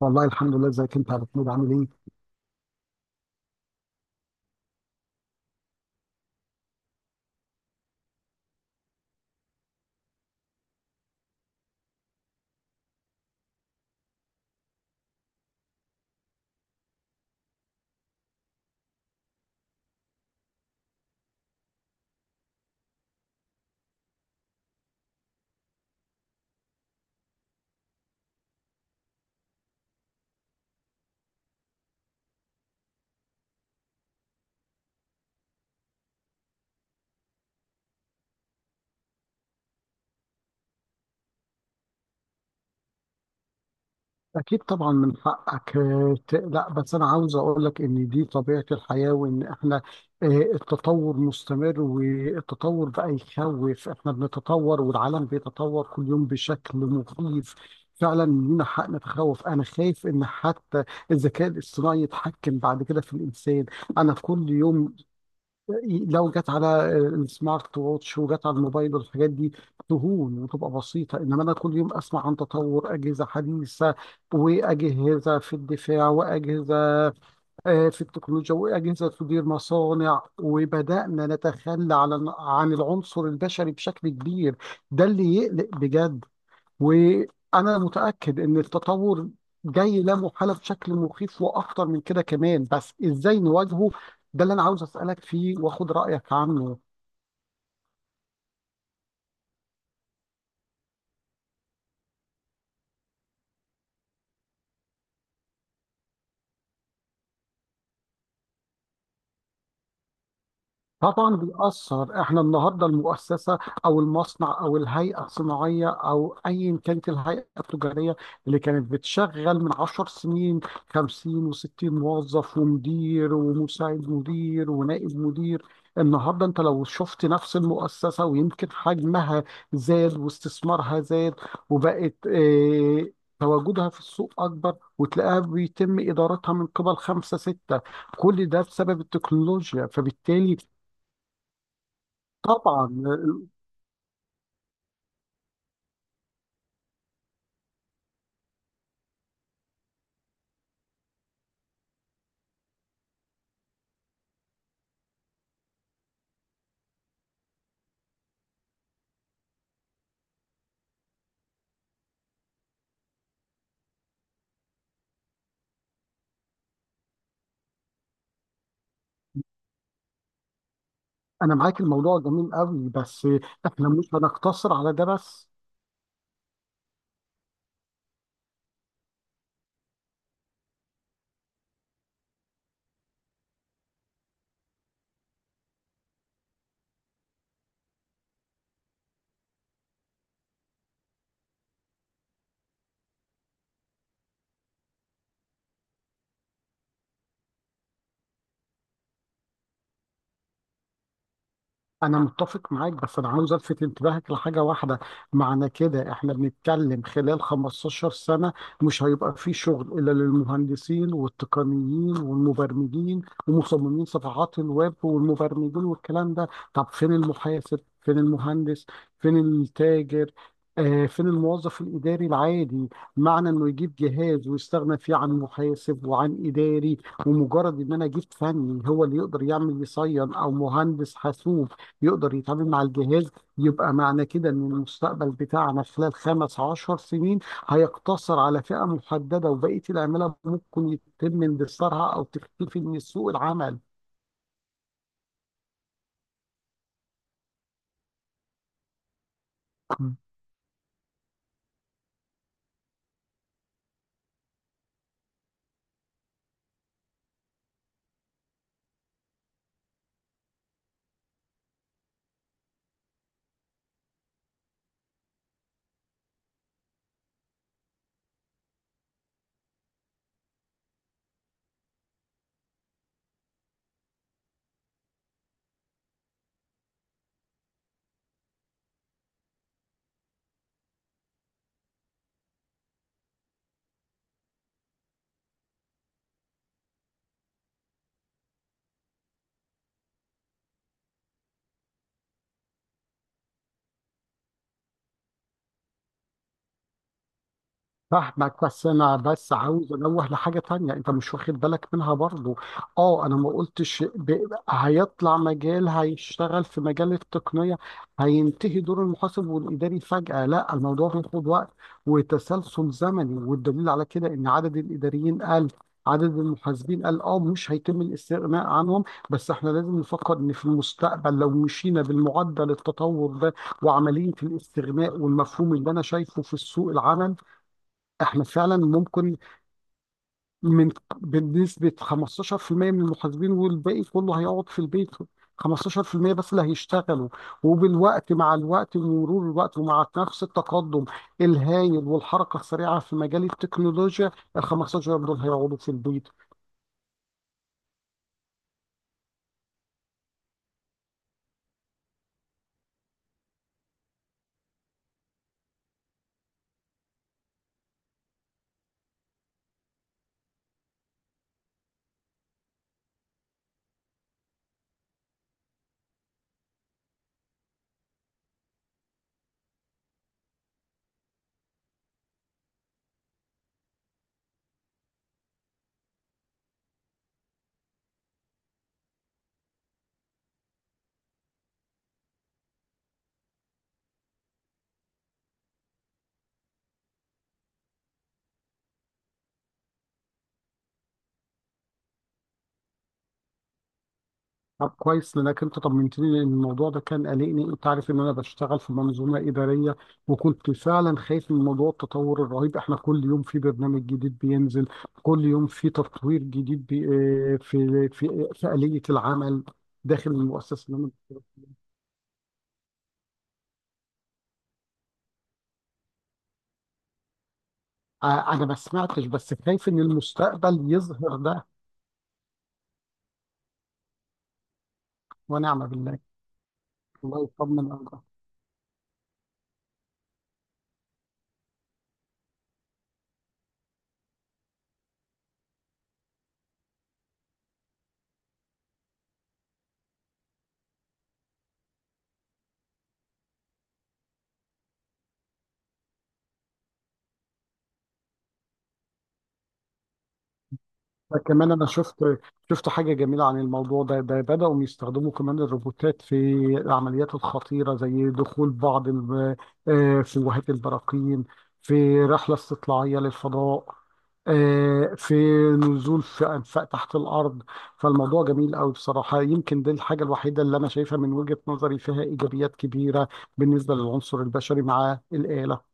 والله، الحمد لله. ازيك انت يا محمود عامل ايه؟ اكيد طبعا، من حقك تقلق، بس انا عاوز اقول لك ان دي طبيعه الحياه، وان احنا التطور مستمر. والتطور بقى يخوف. احنا بنتطور والعالم بيتطور كل يوم بشكل مخيف. فعلا لينا حق نتخوف. انا خايف ان حتى الذكاء الاصطناعي يتحكم بعد كده في الانسان. انا في كل يوم لو جت على السمارت ووتش وجت على الموبايل والحاجات دي تهون وتبقى بسيطة، إنما أنا كل يوم أسمع عن تطور أجهزة حديثة، وأجهزة في الدفاع، وأجهزة في التكنولوجيا، وأجهزة تدير مصانع، وبدأنا نتخلى عن العنصر البشري بشكل كبير. ده اللي يقلق بجد. وانا متاكد ان التطور جاي لا محاله بشكل مخيف واخطر من كده كمان، بس ازاي نواجهه؟ ده اللي انا عاوز اسالك فيه واخد رايك عنه. طبعا بيأثر. احنا النهارده المؤسسه او المصنع او الهيئه الصناعيه او ايا كانت الهيئه التجاريه اللي كانت بتشغل من 10 سنين 50 و60 موظف ومدير ومساعد مدير ونائب مدير. النهارده انت لو شفت نفس المؤسسه ويمكن حجمها زاد واستثمارها زاد، وبقت تواجدها في السوق اكبر، وتلاقيها بيتم ادارتها من قبل خمسه سته. كل ده بسبب التكنولوجيا، فبالتالي طبعا. انا معاك الموضوع جميل قوي، بس احنا مش هنقتصر على ده بس. أنا متفق معاك، بس أنا عاوز ألفت انتباهك لحاجة واحدة. معنى كده إحنا بنتكلم خلال 15 سنة مش هيبقى في شغل إلا للمهندسين والتقنيين والمبرمجين ومصممين صفحات الويب والمبرمجين والكلام ده. طب فين المحاسب؟ فين المهندس؟ فين التاجر؟ فين الموظف الإداري العادي؟ معنى إنه يجيب جهاز ويستغنى فيه عن محاسب وعن إداري، ومجرد إن أنا جبت فني هو اللي يقدر يعمل يصين أو مهندس حاسوب يقدر يتعامل مع الجهاز، يبقى معنى كده ان المستقبل بتاعنا خلال 15 سنين هيقتصر على فئة محددة، وبقية العمالة ممكن يتم اندثارها او تختفي من سوق العمل. فاهمك، بس انا بس عاوز انوه لحاجه تانية انت مش واخد بالك منها برضو. اه، انا ما قلتش هيطلع مجال، هيشتغل في مجال التقنيه، هينتهي دور المحاسب والاداري فجاه. لا، الموضوع بياخد وقت وتسلسل زمني، والدليل على كده ان عدد الاداريين قل، عدد المحاسبين قال. اه مش هيتم الاستغناء عنهم، بس احنا لازم نفكر ان في المستقبل لو مشينا بالمعدل التطور ده وعمليه الاستغناء والمفهوم اللي انا شايفه في سوق العمل، احنا فعلا ممكن من بنسبة 15% من المحاسبين، والباقي كله هيقعد في البيت. 15% بس اللي هيشتغلوا، مع الوقت ومرور الوقت ومع نفس التقدم الهايل والحركة السريعة في مجال التكنولوجيا، ال 15 دول هيقعدوا في البيت. طب كويس، لانك انت طمنتني، لان الموضوع ده كان قلقني. انت عارف ان انا بشتغل في منظومه اداريه، وكنت فعلا خايف من موضوع التطور الرهيب. احنا كل يوم في برنامج جديد بينزل، كل يوم في تطوير جديد بي آه، في في في آلية العمل داخل المؤسسه اللي انا... أنا ما سمعتش، بس خايف ان المستقبل يظهر ده. ونعم بالله. الله يطمن عليك. كمان انا شفت حاجه جميله عن الموضوع ده. بداوا يستخدموا كمان الروبوتات في العمليات الخطيره، زي دخول بعض فلوهات البراكين، في رحله استطلاعيه للفضاء، في نزول في انفاق تحت الارض. فالموضوع جميل قوي بصراحه. يمكن دي الحاجه الوحيده اللي انا شايفها من وجهه نظري فيها ايجابيات كبيره بالنسبه للعنصر البشري مع الاله.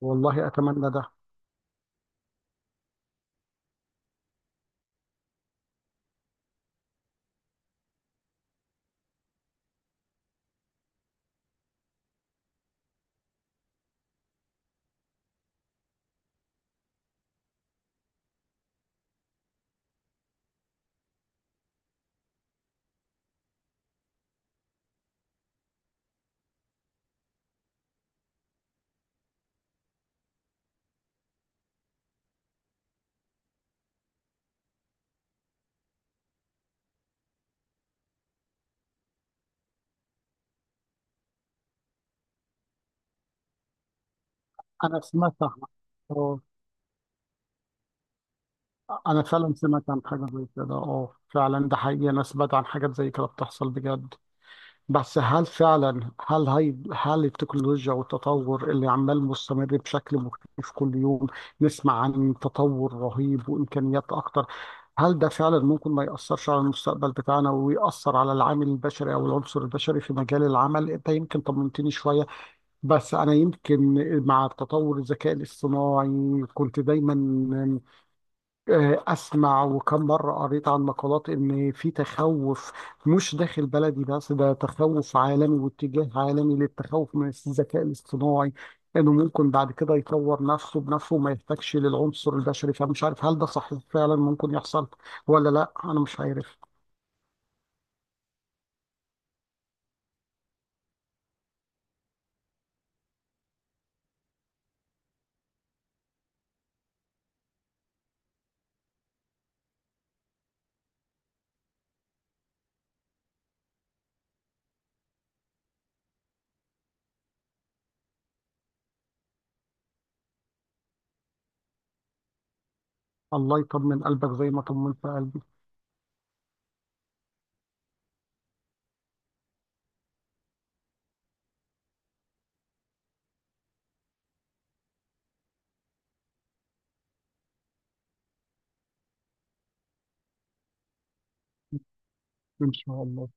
والله اتمنى ده. انا سمعت عنها. انا فعلا سمعت عن حاجه زي كده. اه فعلا ده حقيقي. انا سمعت عن حاجات زي كده بتحصل بجد، بس هل فعلا هل هي هل التكنولوجيا والتطور اللي عمال مستمر بشكل مختلف كل يوم نسمع عن تطور رهيب وامكانيات اكتر، هل ده فعلا ممكن ما يأثرش على المستقبل بتاعنا ويأثر على العامل البشري او العنصر البشري في مجال العمل؟ انت يمكن طمنتني شويه، بس انا يمكن مع تطور الذكاء الاصطناعي كنت دايما أسمع، وكم مرة قريت عن مقالات إن في تخوف مش داخل بلدي بس، ده تخوف عالمي واتجاه عالمي للتخوف من الذكاء الاصطناعي، إنه ممكن بعد كده يطور نفسه بنفسه وما يحتاجش للعنصر البشري. فمش عارف هل ده صحيح فعلا ممكن يحصل ولا لا، أنا مش عارف. الله يطمن قلبك زي ما طمنت قلبي. إن شاء الله.